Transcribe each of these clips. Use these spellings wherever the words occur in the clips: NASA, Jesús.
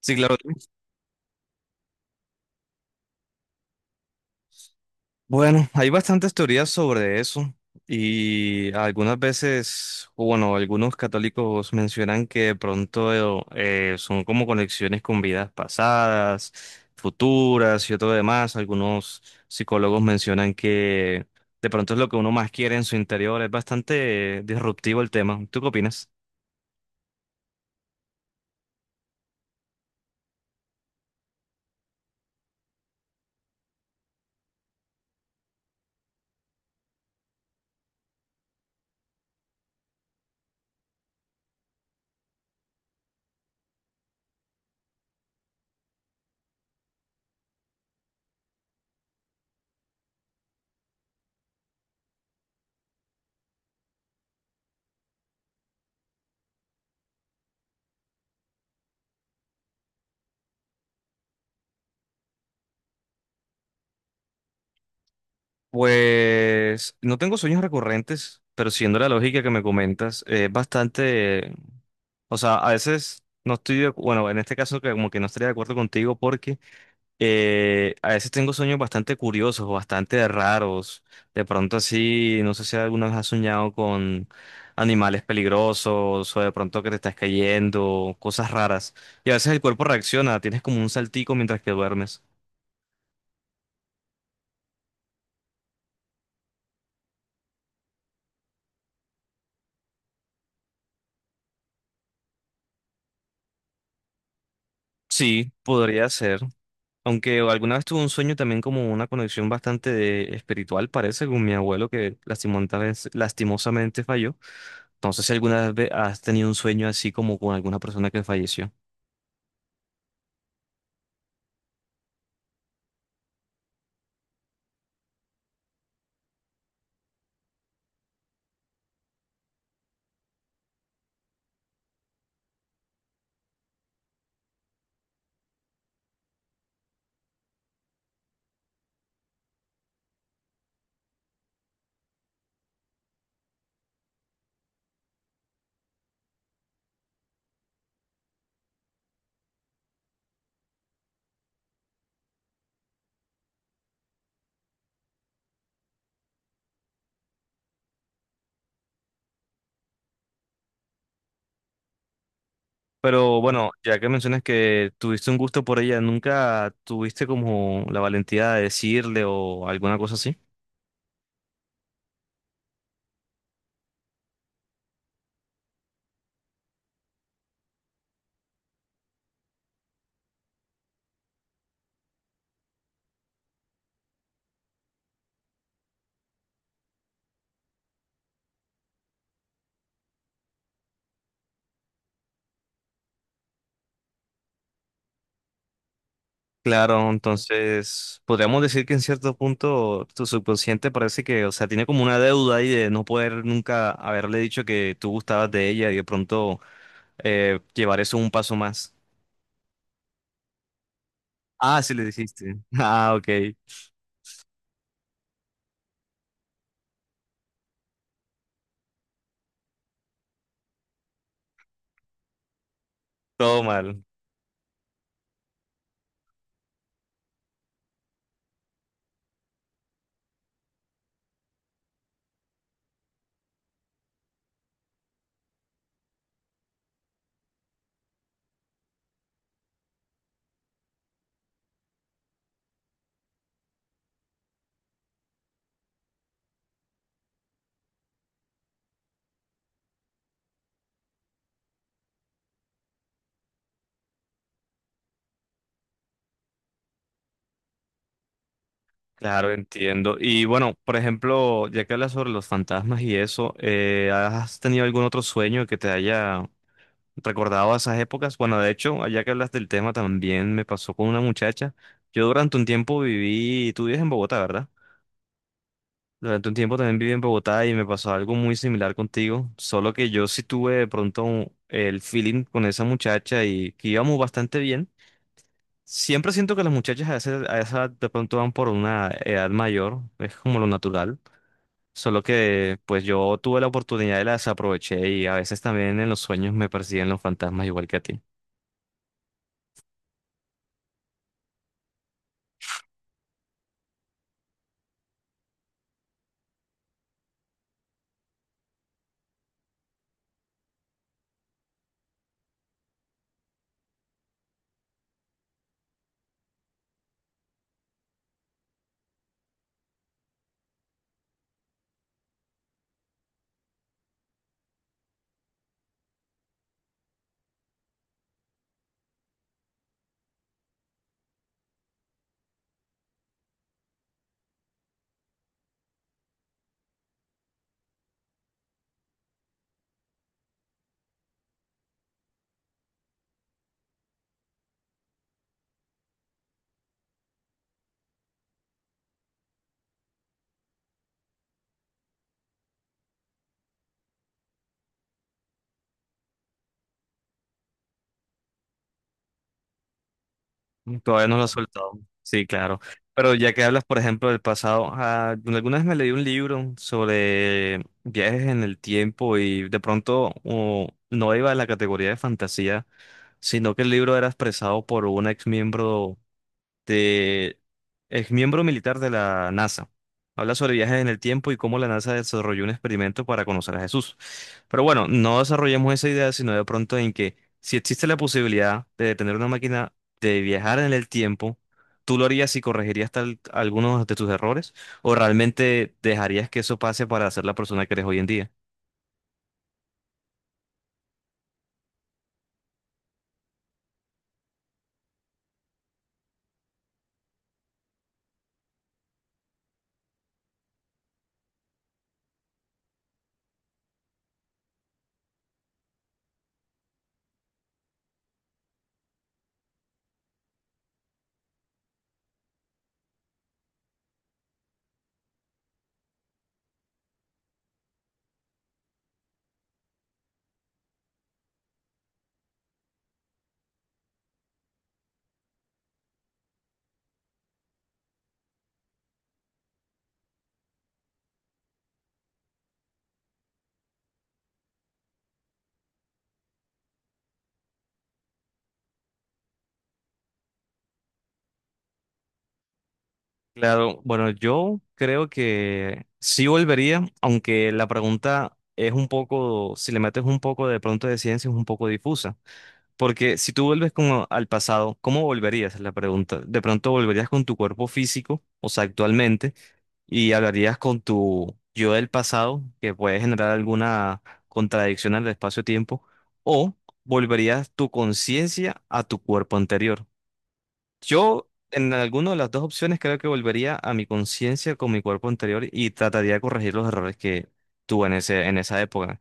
Sí, claro. Bueno, hay bastantes teorías sobre eso y algunas veces, o bueno, algunos católicos mencionan que de pronto son como conexiones con vidas pasadas, futuras y todo demás. Algunos psicólogos mencionan que de pronto es lo que uno más quiere en su interior. Es bastante disruptivo el tema. ¿Tú qué opinas? Pues no tengo sueños recurrentes, pero siendo la lógica que me comentas, es bastante. O sea, a veces no estoy de, bueno, en este caso que como que no estaría de acuerdo contigo porque a veces tengo sueños bastante curiosos, o bastante raros. De pronto así, no sé si alguna vez has soñado con animales peligrosos o de pronto que te estás cayendo, cosas raras. Y a veces el cuerpo reacciona, tienes como un saltico mientras que duermes. Sí, podría ser. Aunque alguna vez tuve un sueño también como una conexión bastante espiritual, parece, con mi abuelo que lastimosamente, lastimosamente falló. No sé si alguna vez has tenido un sueño así como con alguna persona que falleció. Pero bueno, ya que mencionas que tuviste un gusto por ella, ¿nunca tuviste como la valentía de decirle o alguna cosa así? Claro, entonces podríamos decir que en cierto punto tu subconsciente parece que, o sea, tiene como una deuda ahí de no poder nunca haberle dicho que tú gustabas de ella y de pronto llevar eso un paso más. Ah, sí le dijiste. Ah, ok. Todo mal. Claro, entiendo. Y bueno, por ejemplo, ya que hablas sobre los fantasmas y eso, ¿has tenido algún otro sueño que te haya recordado a esas épocas? Bueno, de hecho, ya que hablas del tema, también me pasó con una muchacha. Yo durante un tiempo viví, tú vives en Bogotá, ¿verdad? Durante un tiempo también viví en Bogotá y me pasó algo muy similar contigo, solo que yo sí tuve de pronto el feeling con esa muchacha y que íbamos bastante bien. Siempre siento que las muchachas a veces a esa edad de pronto van por una edad mayor, es como lo natural. Solo que pues yo tuve la oportunidad y la desaproveché y a veces también en los sueños me persiguen los fantasmas igual que a ti. Mm, todavía no lo has soltado. Sí, claro. Pero ya que hablas, por ejemplo, del pasado, ah, alguna vez me leí un libro sobre viajes en el tiempo y de pronto oh, no iba a la categoría de fantasía, sino que el libro era expresado por un ex miembro de exmiembro militar de la NASA. Habla sobre viajes en el tiempo y cómo la NASA desarrolló un experimento para conocer a Jesús. Pero bueno, no desarrollemos esa idea, sino de pronto en que si existe la posibilidad de tener una máquina de viajar en el tiempo, ¿tú lo harías y corregirías tal, algunos de tus errores? ¿O realmente dejarías que eso pase para ser la persona que eres hoy en día? Claro, bueno, yo creo que sí volvería, aunque la pregunta es un poco, si le metes un poco de pronto de ciencia, es un poco difusa. Porque si tú vuelves como al pasado, ¿cómo volverías? Es la pregunta. De pronto volverías con tu cuerpo físico, o sea, actualmente, y hablarías con tu yo del pasado, que puede generar alguna contradicción al espacio-tiempo, o volverías tu conciencia a tu cuerpo anterior. Yo, en alguna de las dos opciones, creo que volvería a mi conciencia con mi cuerpo anterior y trataría de corregir los errores que tuve en ese, en esa época.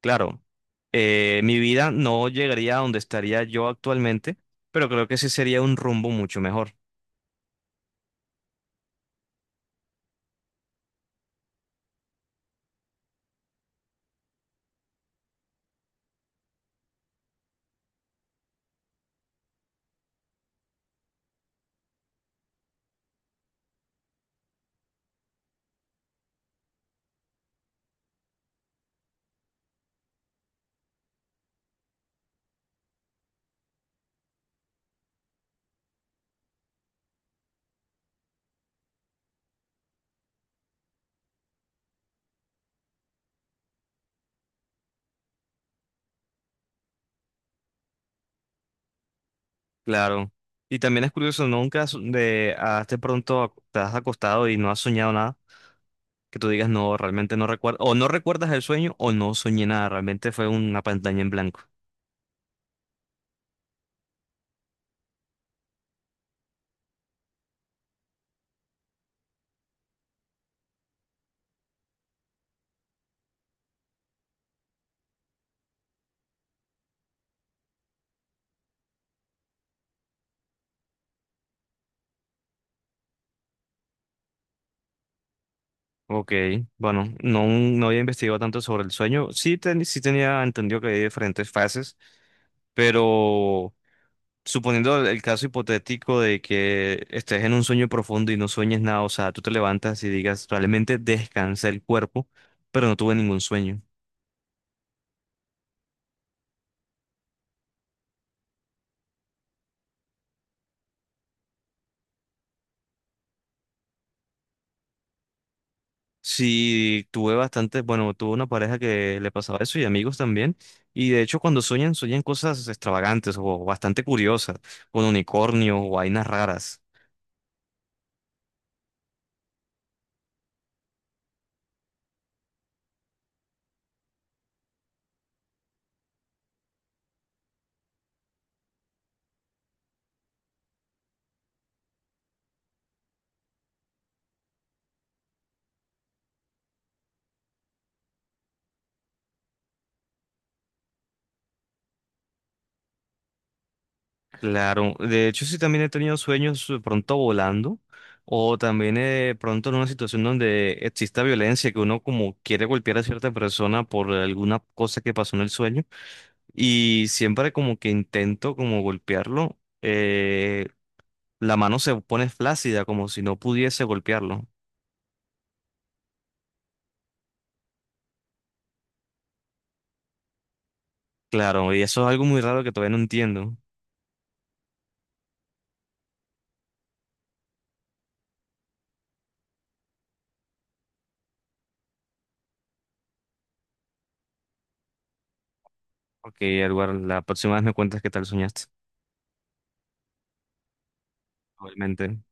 Claro, mi vida no llegaría a donde estaría yo actualmente, pero creo que sí sería un rumbo mucho mejor. Claro. Y también es curioso, ¿no? ¿Nunca de hasta pronto te has acostado y no has soñado nada, que tú digas, no, realmente no recuerdo, o no recuerdas el sueño, o no soñé nada, realmente fue una pantalla en blanco? Ok, bueno, no, no había investigado tanto sobre el sueño. Sí, sí tenía entendido que hay diferentes fases, pero suponiendo el caso hipotético de que estés en un sueño profundo y no sueñes nada, o sea, tú te levantas y digas, realmente descansé el cuerpo, pero no tuve ningún sueño. Sí, tuve bastante, bueno, tuve una pareja que le pasaba eso y amigos también, y de hecho cuando sueñan, sueñan cosas extravagantes o bastante curiosas, con unicornios o vainas raras. Claro, de hecho sí también he tenido sueños de pronto volando o también de pronto en una situación donde exista violencia, que uno como quiere golpear a cierta persona por alguna cosa que pasó en el sueño y siempre como que intento como golpearlo, la mano se pone flácida como si no pudiese golpearlo. Claro, y eso es algo muy raro que todavía no entiendo, porque Edward, la próxima vez me cuentas qué tal soñaste, obviamente.